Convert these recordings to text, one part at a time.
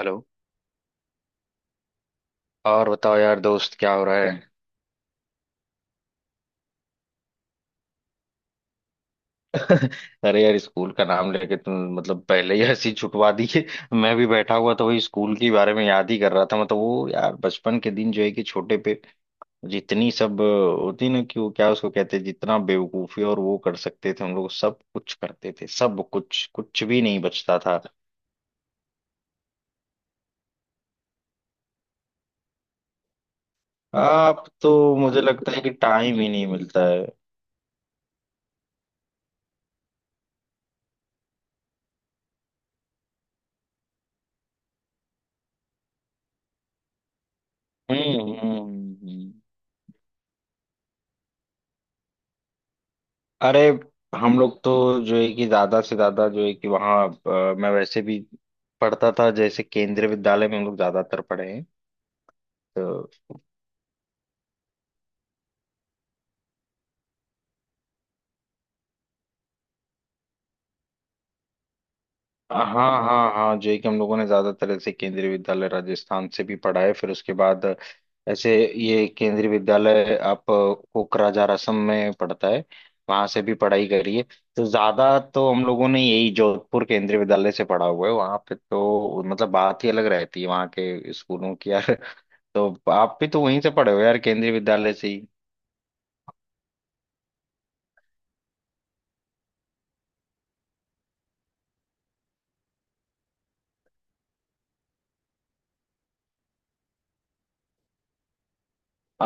Hello. और बताओ यार दोस्त, क्या हो रहा है? अरे यार, स्कूल का नाम लेके तुम मतलब पहले ही हंसी छुटवा दी है। मैं भी बैठा हुआ था, वही स्कूल के बारे में याद ही कर रहा था। मतलब वो यार बचपन के दिन जो है कि छोटे पे जितनी सब होती ना, कि वो क्या उसको कहते हैं, जितना बेवकूफी और वो कर सकते थे, हम लोग सब कुछ करते थे। सब कुछ, कुछ भी नहीं बचता था। अब तो मुझे लगता है कि टाइम ही नहीं मिलता है। हम्म, हम्म, अरे हम लोग तो जो है कि ज्यादा से ज्यादा जो है कि वहाँ मैं वैसे भी पढ़ता था जैसे केंद्रीय विद्यालय में हम लोग ज्यादातर पढ़े हैं तो। हाँ, हाँ, हाँ, जेई के हम लोगों ने ज्यादातर ऐसे केंद्रीय विद्यालय राजस्थान से भी पढ़ा है, फिर उसके बाद ऐसे ये केंद्रीय विद्यालय आप कोकराझार असम में पढ़ता है, वहां से भी पढ़ाई करी है। तो ज्यादा तो हम लोगों ने यही जोधपुर केंद्रीय विद्यालय से पढ़ा हुआ है, वहां पे तो मतलब बात ही अलग रहती है वहाँ के स्कूलों की यार। तो आप भी तो वहीं से पढ़े हो यार, केंद्रीय विद्यालय से ही।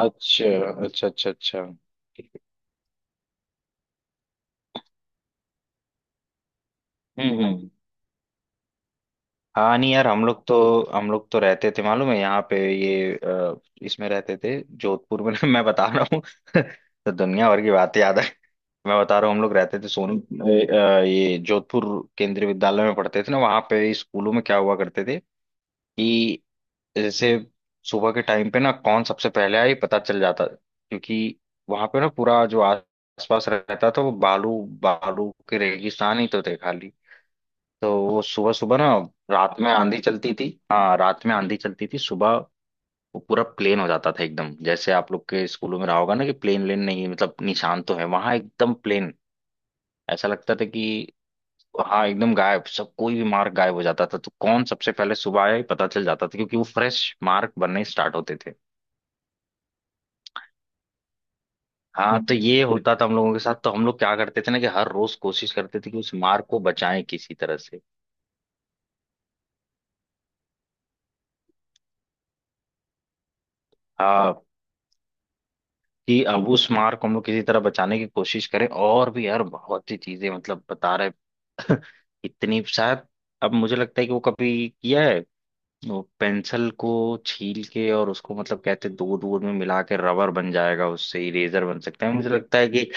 अच्छा, अच्छा, अच्छा, अच्छा। हम्म, हम्म। हाँ नहीं यार, हम लोग तो रहते थे, मालूम है? यहाँ पे इसमें रहते थे जोधपुर में। मैं बता रहा हूँ। तो दुनिया भर की बातें याद है। मैं बता रहा हूँ, हम लोग रहते थे ये जोधपुर केंद्रीय विद्यालय में पढ़ते थे ना, वहाँ पे स्कूलों में क्या हुआ करते थे कि जैसे सुबह के टाइम पे ना कौन सबसे पहले आए पता चल जाता, क्योंकि वहाँ पे ना पूरा जो आसपास रहता था वो बालू बालू के रेगिस्तान ही तो थे खाली। तो वो सुबह सुबह ना रात में आंधी चलती थी, हाँ रात में आंधी चलती थी, सुबह वो पूरा प्लेन हो जाता था एकदम। जैसे आप लोग के स्कूलों में रहा होगा ना कि प्लेन लेन नहीं है, मतलब निशान तो है, वहां एकदम प्लेन ऐसा लगता था कि हाँ एकदम गायब, सब कोई भी मार्क गायब हो जाता था। तो कौन सबसे पहले सुबह आया ये पता चल जाता था, क्योंकि वो फ्रेश मार्क बनने स्टार्ट होते थे। हाँ, तो ये होता था हम लोगों के साथ। तो हम लोग क्या करते थे ना, कि हर रोज कोशिश करते थे कि उस मार्क को बचाएं किसी तरह से। हाँ, कि अब उस मार को हम लोग किसी तरह बचाने की कोशिश करें। और भी यार बहुत सी चीजें, मतलब बता रहे इतनी शायद। अब मुझे लगता है कि वो कभी किया है वो पेंसिल को छील के और उसको मतलब कहते हैं दूर दूर में मिला के रबर बन जाएगा, उससे इरेजर बन सकता है, मुझे लगता है कि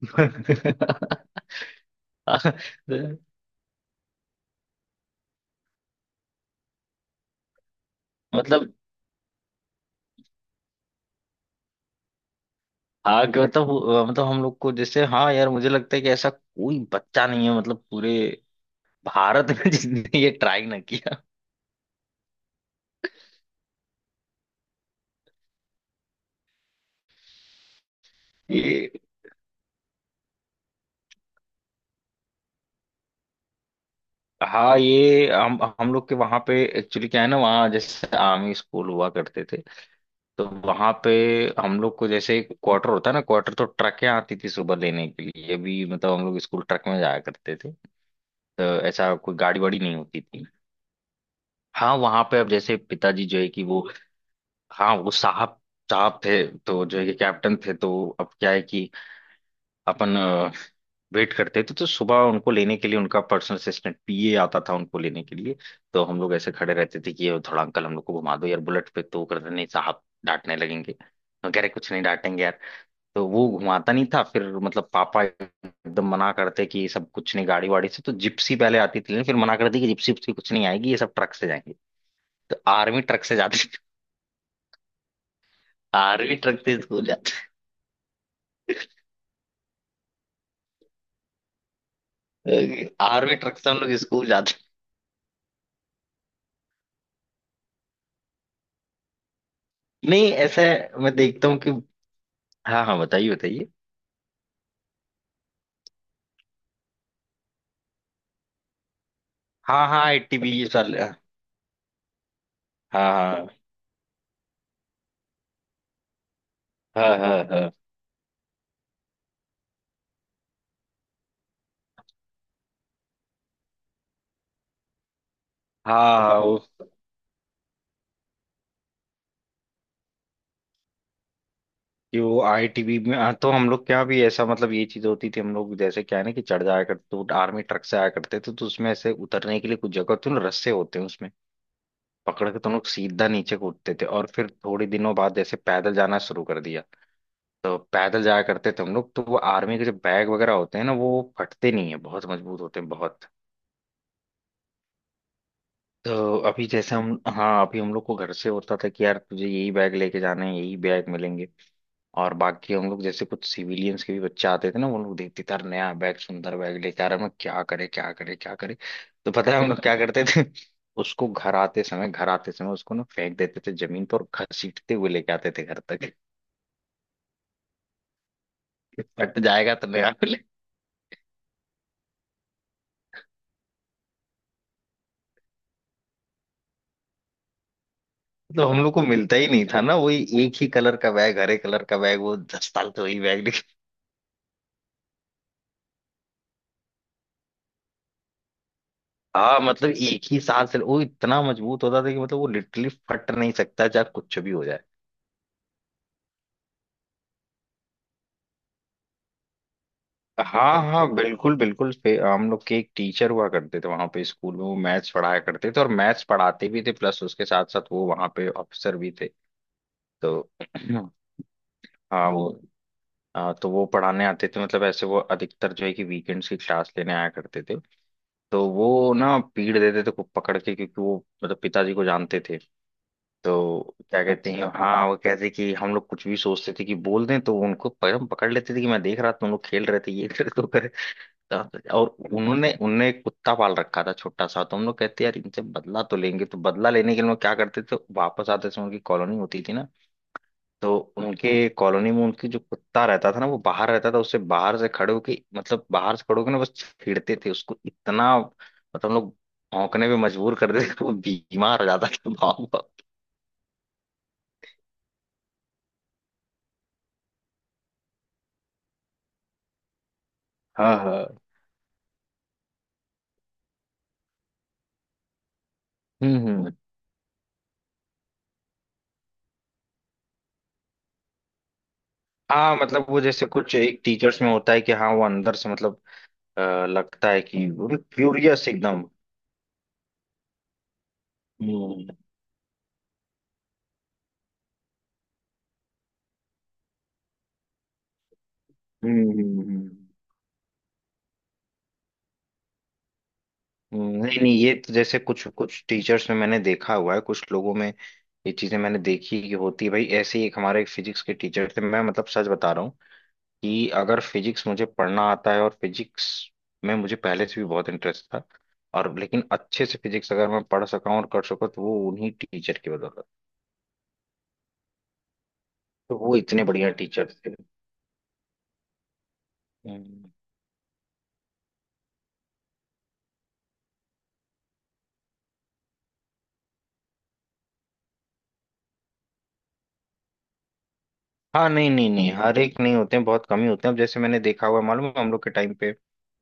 मतलब, हाँ कि मतलब हम लोग को जैसे, हाँ यार मुझे लगता है कि ऐसा कोई बच्चा नहीं है मतलब पूरे भारत में जिसने ये ट्राई ना किया। ये हाँ, ये हम लोग के वहाँ पे एक्चुअली क्या है ना, वहाँ जैसे आर्मी स्कूल हुआ करते थे। तो वहाँ पे हम लोग को जैसे एक क्वार्टर होता है ना, क्वार्टर तो ट्रकें आती थी सुबह लेने के लिए भी, मतलब हम लोग स्कूल ट्रक में जाया करते थे। तो ऐसा कोई गाड़ी वाड़ी नहीं होती थी। हाँ वहाँ पे, अब जैसे पिताजी जो है कि वो, हाँ वो साहब साहब थे तो जो है कि कैप्टन थे। तो अब क्या है कि अपन वेट करते थे, तो सुबह उनको लेने के लिए उनका पर्सनल असिस्टेंट पीए आता था उनको लेने के लिए। तो हम लोग ऐसे खड़े रहते थे कि ये थोड़ा अंकल हम लोग को घुमा दो यार बुलेट पे, तो वो करते नहीं, साहब डांटने लगेंगे। हम कह रहे कुछ नहीं डांटेंगे यार। तो वो घुमाता नहीं था। फिर मतलब पापा एकदम मना करते कि ये सब कुछ नहीं गाड़ी वाड़ी से, तो जिप्सी पहले आती थी, लेकिन फिर मना करते कि जिप्सी उप्सी कुछ नहीं आएगी, ये सब ट्रक से जाएंगे। तो आर्मी ट्रक से जाते थे। आर्मी ट्रक से स्कूल जाते, आर्मी ट्रक से हम लोग स्कूल जाते। नहीं ऐसा है, मैं देखता हूँ कि हाँ, हाँ, बताइए, बताइए। हाँ, हाँ, आईटीबी साल। हाँ, हाँ, हाँ, हाँ, हाँ, हाँ, वो आईटीबी में, हाँ, तो हम लोग क्या भी ऐसा मतलब ये चीज होती थी। हम लोग जैसे क्या है ना, कि चढ़ जाया करते, तो आर्मी ट्रक से आया करते थे, तो उसमें ऐसे उतरने के लिए कुछ जगह तो रस्से होते हैं उसमें, पकड़ के तो हम लोग सीधा नीचे कूदते थे। और फिर थोड़े दिनों बाद जैसे पैदल जाना शुरू कर दिया, तो पैदल जाया करते थे हम लोग। तो वो आर्मी के जो बैग वगैरह होते हैं ना, वो फटते नहीं है, बहुत मजबूत होते हैं बहुत। तो अभी जैसे हम हाँ, अभी हम लोग को घर से होता था कि यार तुझे यही बैग लेके जाना है, यही बैग मिलेंगे। और बाकी हम लोग जैसे कुछ सिविलियंस के भी बच्चे आते थे ना, वो लोग देखते थे यार नया बैग सुंदर बैग लेके आ रहा है, मैं क्या करे क्या करे क्या करे। तो पता है हम लोग क्या करते थे? उसको घर आते समय उसको ना फेंक देते थे जमीन पर और घसीटते हुए लेके आते थे घर तक। कि फट जाएगा तो नया मिले। तो हम लोग को मिलता ही नहीं था ना, वही एक ही कलर का बैग, हरे कलर का बैग, वो दस साल तो वही बैग। हाँ मतलब एक ही वो इतना मजबूत होता था कि मतलब वो लिटरली फट नहीं सकता चाहे कुछ भी हो जाए। हाँ, हाँ, बिल्कुल, बिल्कुल, हम लोग के एक टीचर हुआ करते थे वहां पे स्कूल में, वो मैथ्स पढ़ाया करते थे और मैथ्स पढ़ाते भी थे, प्लस उसके साथ साथ वो वहां पे अफसर भी थे। तो हाँ वो, हाँ, तो वो पढ़ाने आते थे, मतलब ऐसे वो अधिकतर जो है कि वीकेंड्स की क्लास लेने आया करते थे। तो वो ना पीट देते थे खूब, पकड़ के, क्योंकि वो मतलब पिताजी को जानते थे। तो क्या कहते हैं, हाँ वो कहते कि हम लोग कुछ भी सोचते थे कि बोल दें तो उनको पकड़ पकड़ लेते थे कि मैं देख रहा था तुम लोग खेल रहे थे ये करे तो करे। और उन्होंने उनने एक कुत्ता पाल रखा था छोटा सा, तो हम लोग कहते यार इनसे बदला तो लेंगे। तो बदला लेने के लिए हम लोग क्या करते थे, वापस आते समय उनकी कॉलोनी होती थी ना, तो उनके कॉलोनी में उनकी जो कुत्ता रहता था ना वो बाहर रहता था, उससे बाहर से खड़े होके ना बस छेड़ते थे उसको इतना, मतलब हम लोग भौंकने पे मजबूर कर देते थे, वो बीमार हो जाता था। भाव भाव। हाँ, हाँ। हम्म, हाँ, मतलब वो जैसे कुछ एक टीचर्स में होता है कि हाँ वो अंदर से मतलब अ, लगता है कि क्यूरियस एकदम। हम्म, हम्म, नहीं, नहीं, ये तो जैसे कुछ कुछ टीचर्स में मैंने देखा हुआ है कुछ लोगों में, ये चीजें मैंने देखी कि होती है भाई। ऐसे ही एक हमारे फिजिक्स के टीचर थे, मैं मतलब सच बता रहा हूँ कि अगर फिजिक्स मुझे पढ़ना आता है और फिजिक्स में मुझे पहले से भी बहुत इंटरेस्ट था, और लेकिन अच्छे से फिजिक्स अगर मैं पढ़ सका हूँ और कर सका तो वो उन्हीं टीचर की बदौलत। तो वो इतने बढ़िया टीचर थे। हम्म, हाँ, नहीं, नहीं, नहीं, हर एक नहीं होते हैं, बहुत कम ही होते हैं। अब जैसे मैंने देखा हुआ है, मालूम है, हम लोग के टाइम पे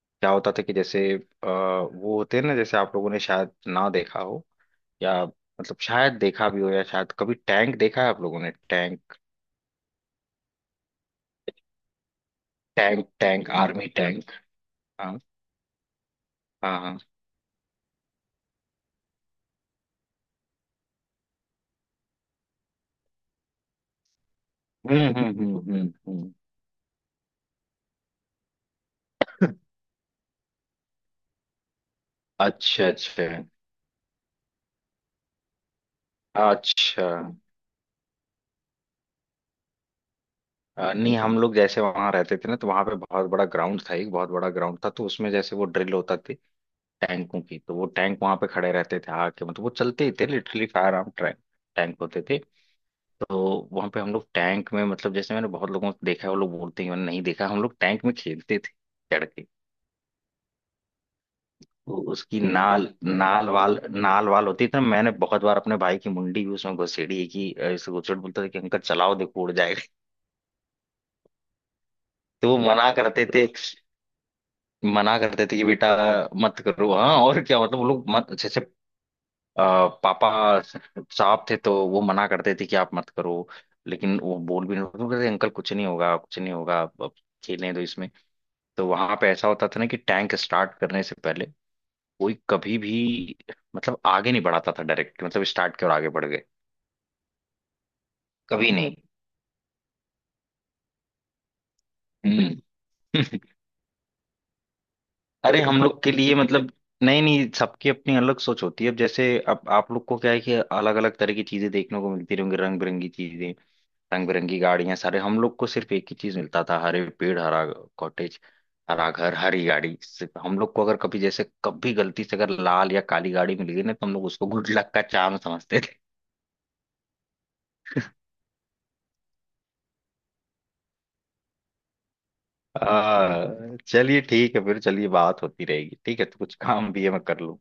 क्या होता था कि जैसे वो होते हैं ना, जैसे आप लोगों ने शायद ना देखा हो या मतलब शायद देखा भी हो, या शायद कभी टैंक देखा है आप लोगों ने? Tank, tank, tank, army tank. हाँ, हाँ, हाँ। हम्म, हम्म, हम्म, हम्म, अच्छा, अच्छा, अच्छा। नहीं हम लोग जैसे वहां रहते थे ना, तो वहां पे बहुत बड़ा ग्राउंड था, एक बहुत बड़ा ग्राउंड था, तो उसमें जैसे वो ड्रिल होता थी टैंकों की, तो वो टैंक वहां पे खड़े रहते थे आके, मतलब वो चलते ही थे, लिटरली फायर आर्म टैंक होते थे। तो वहां पे हम लोग टैंक में, मतलब जैसे मैंने बहुत लोगों को देखा है वो लोग बोलते हैं मैंने नहीं देखा, हम लोग टैंक में खेलते थे चढ़ के। तो उसकी नाल नाल वाल होती थी ना, मैंने बहुत बार अपने भाई की मुंडी भी उसमें घुसेड़ी है कि इसे घुसेड़ बोलता था कि अंकल चलाओ देखो उड़ जाएगा। तो वो मना करते थे, मना करते थे कि बेटा मत करो। हाँ, और क्या, मतलब वो लोग मत जैसे अ, पापा साहब थे तो वो मना करते थे कि आप मत करो, लेकिन वो बोल भी नहीं, वो कहते अंकल कुछ नहीं होगा, कुछ नहीं होगा, अब खेलने दो इसमें। तो वहां पे ऐसा होता था ना कि टैंक स्टार्ट करने से पहले कोई कभी भी मतलब आगे नहीं बढ़ाता था, डायरेक्ट मतलब स्टार्ट के और आगे बढ़ गए, कभी नहीं। हम्म। अरे हम लोग के लिए मतलब, नहीं, नहीं, सबकी अपनी अलग सोच होती है। अब जैसे अब आप लोग को क्या है कि अलग अलग तरह की चीजें देखने को मिलती रहेंगी, रंग बिरंगी चीजें, रंग बिरंगी गाड़ियां सारे। हम लोग को सिर्फ एक ही चीज मिलता था, हरे पेड़, हरा कॉटेज, हरा घर, हरी गाड़ी। सिर्फ हम लोग को अगर कभी जैसे कभी गलती से अगर लाल या काली गाड़ी मिल गई ना, तो हम लोग उसको गुड लक का चार्म समझते थे। चलिए ठीक है, फिर चलिए बात होती रहेगी, ठीक है? तो कुछ काम भी है मैं कर लूँ।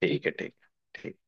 ठीक है, ठीक है, ठीक।